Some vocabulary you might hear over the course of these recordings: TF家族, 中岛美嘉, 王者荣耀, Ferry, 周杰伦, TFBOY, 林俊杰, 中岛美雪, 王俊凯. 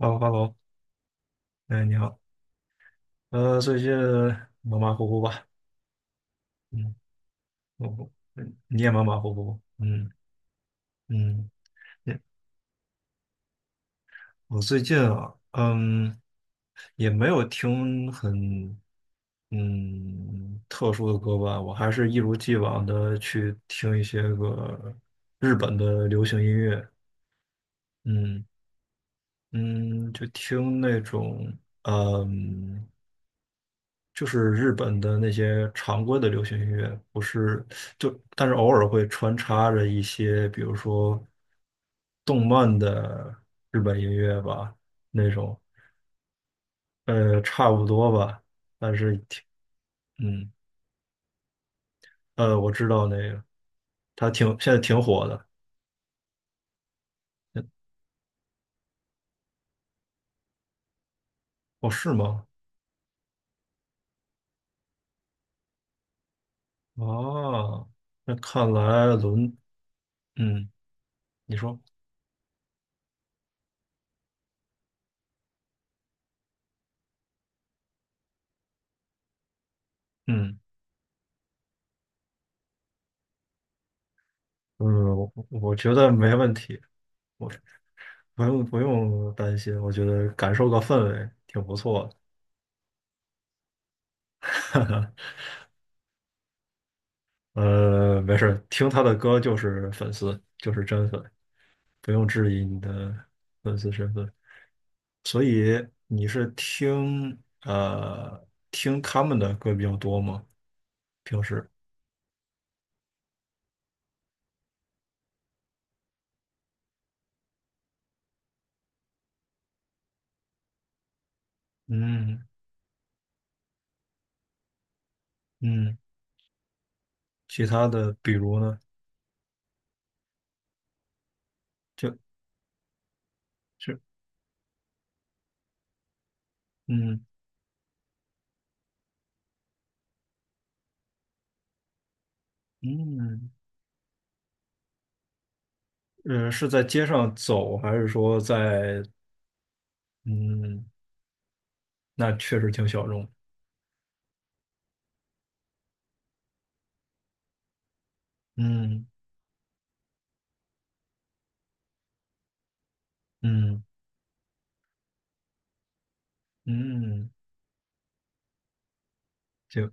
h e l l o h e l l o 哎，你好，最近马马虎虎吧，嗯，你也马马虎虎，嗯嗯，也我最近啊，嗯，也没有听很，特殊的歌吧，我还是一如既往的去听一些个日本的流行音乐，嗯嗯，就听那种，嗯。就是日本的那些常规的流行音乐，不是但是偶尔会穿插着一些，比如说动漫的日本音乐吧，那种，差不多吧，但是挺，嗯，我知道那个，他现在挺火的，哦，是吗？啊，那看来伦，嗯，你说，嗯嗯，我我觉得没问题。我不用不用担心，我觉得感受个氛围挺不错的。没事儿，听他的歌就是粉丝，就是真粉，不用质疑你的粉丝身份。所以你是听他们的歌比较多吗？平时？嗯嗯，其他的比如呢？就是嗯嗯是在街上走，还是说在嗯，那确实挺小众。嗯。嗯嗯，就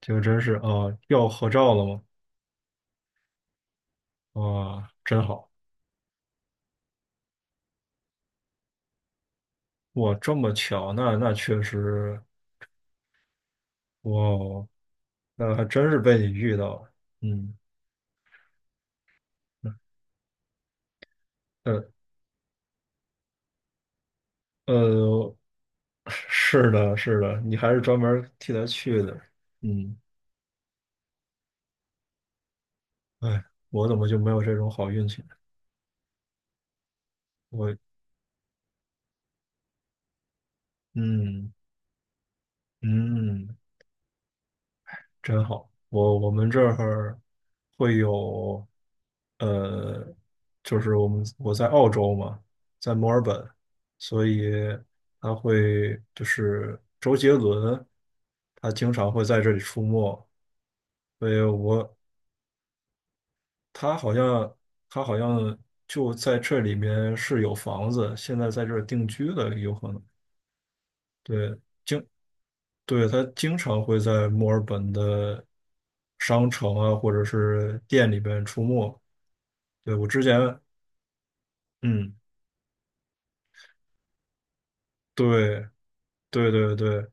就真是啊，要合照了吗？哇，真好！哇，这么巧，那确实，哇哦，那还真是被你遇到了。嗯，呃呃，是的，是的，你还是专门替他去的。嗯，哎，我怎么就没有这种好运气呢？我，嗯嗯。真好。我们这儿会有，呃，就是我在澳洲嘛，在墨尔本，所以就是周杰伦，他经常会在这里出没。所以我他好像他好像就在这里面是有房子，现在在这儿定居的有可能。对对，他经常会在墨尔本的商城啊，或者是店里边出没。对，我之前，嗯，对，对对对，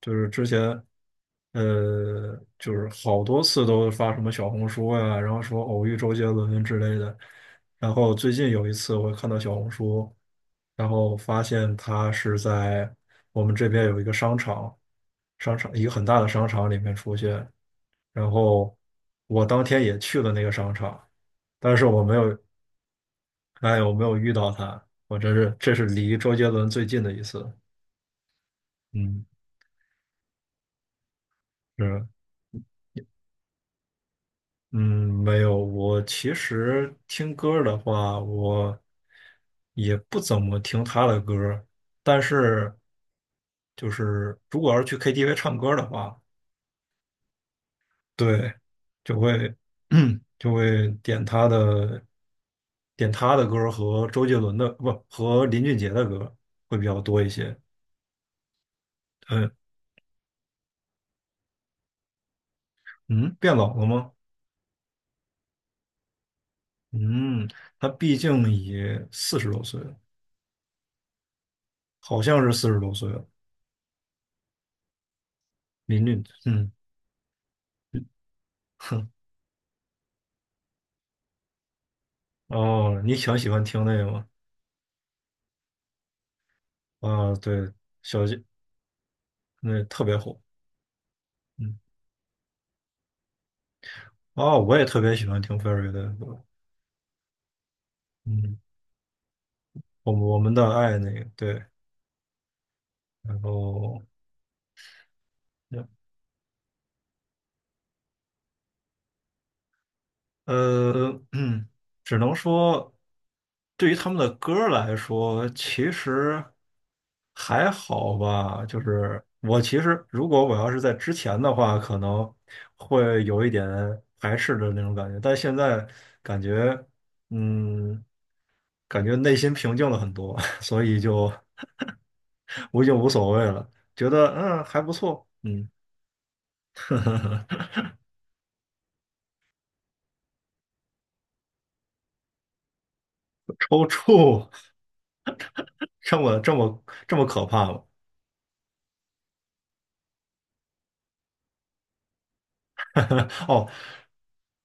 就是之前，就是好多次都发什么小红书呀、然后说偶遇周杰伦之类的。然后最近有一次，我看到小红书，然后发现他是在我们这边有一个商场，一个很大的商场里面出现。然后我当天也去了那个商场，但是我没有，哎，我没有遇到他。我真是，这是离周杰伦最近的一次。嗯，是，嗯，没有。我其实听歌儿的话，我也不怎么听他的歌儿但是就是如果要是去 KTV 唱歌儿的话，对，就会 就会点他的歌儿和周杰伦的，不，和林俊杰的歌儿会比较多一些。嗯嗯，变老了吗？嗯，他毕竟也四十多岁了，好像是四十多岁了。嗯，哼，哦，你挺喜欢听那个吗？啊，对，小姐那特别火，嗯，哦，我也特别喜欢听 Ferry 的歌，嗯，我们的爱那个，对，然后嗯，只能说，对于他们的歌儿来说，其实还好吧。就是我其实，如果我要是在之前的话，可能会有一点排斥的那种感觉，但现在感觉，嗯，感觉内心平静了很多，所以就我已经无所谓了，觉得还不错，嗯。抽搐，这么这么这么可怕吗？哦，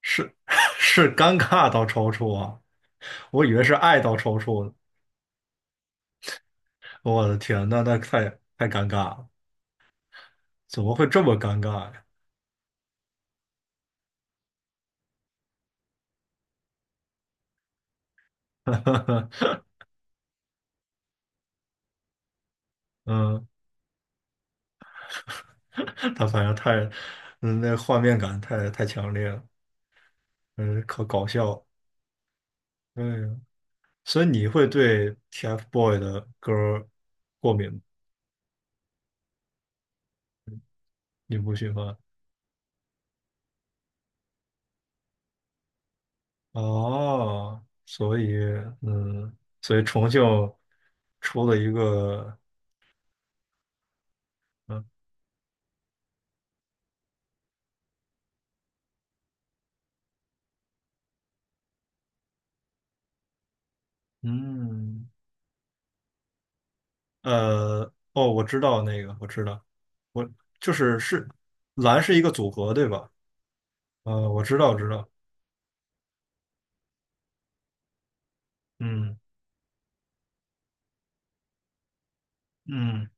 是 是尴尬到抽搐啊！我以为是爱到抽搐呢。我的天，那太太尴尬了，怎么会这么尴尬呀？嗯，他反正太，那画面感太太强烈了，嗯，可搞笑了。嗯，所以你会对 TFBOY 的歌儿过敏吗，你不喜欢？哦，所以，嗯，所以重庆出了一个，嗯嗯。呃，哦，我知道那个，我知道，我就是蓝是一个组合，对吧？我知道，知道，嗯嗯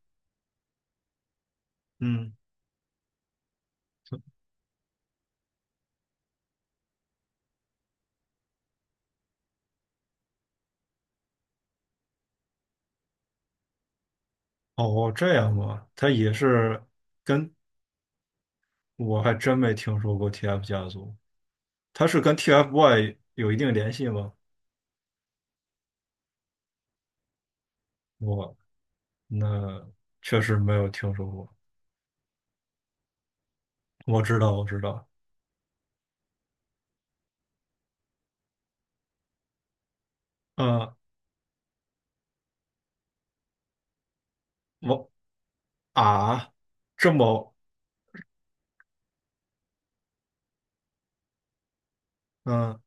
嗯，哦，这样吗？它也是跟我还真没听说过 TF 家族，它是跟 TFBOY 有一定联系吗？我那确实没有听说过。我知道，我知道，嗯，我啊，这么，嗯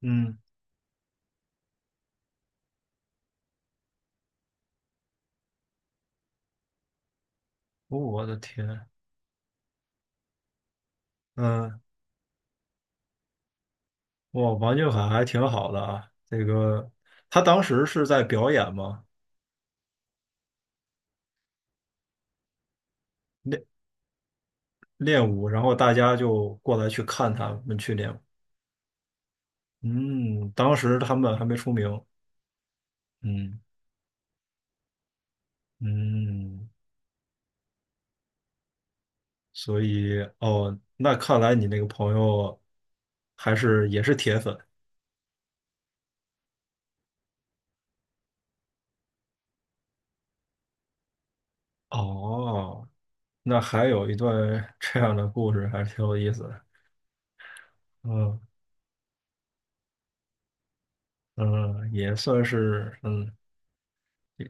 嗯，我的天，嗯。哇，王俊凯还挺好的啊。他当时是在表演嘛，练练舞，然后大家就过来去看他们去练舞嗯，当时他们还没出名。嗯嗯，所以哦，那看来你那个朋友也是铁粉哦。那还有一段 这样的故事，还挺有意思的。嗯嗯，也算是嗯。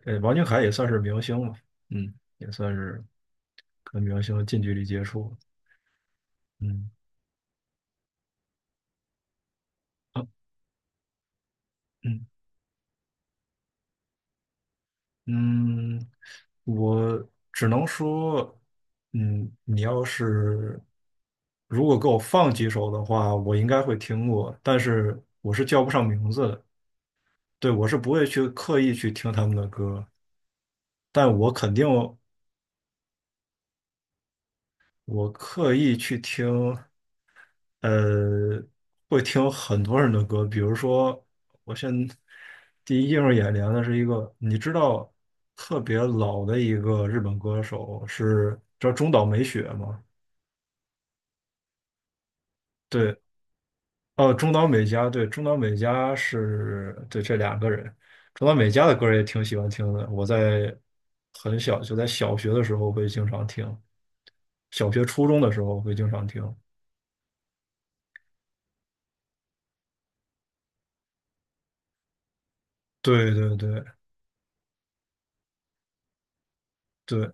王俊凯也算是明星嘛，嗯，也算是跟明星近距离接触，嗯，啊，嗯嗯，我只能说，嗯，你要是如果给我放几首的话，我应该会听过，但是我是叫不上名字的，对，我是不会去刻意去听他们的歌，但我肯定我刻意去听。呃，会听很多人的歌，比如说，我现在第一映入眼帘的是一个，你知道特别老的一个日本歌手是叫中岛美雪吗？对，哦，中岛美嘉，对，中岛美嘉是对这两个人，中岛美嘉的歌也挺喜欢听的，我在很小就在小学的时候会经常听，小学初中的时候会经常听，对对对对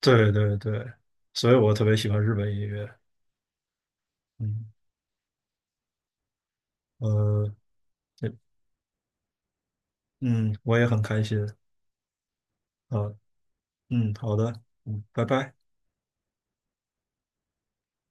对对对，所以我特别喜欢日本音乐。嗯，呃，对嗯，我也很开心。啊，嗯，好的，嗯，拜拜。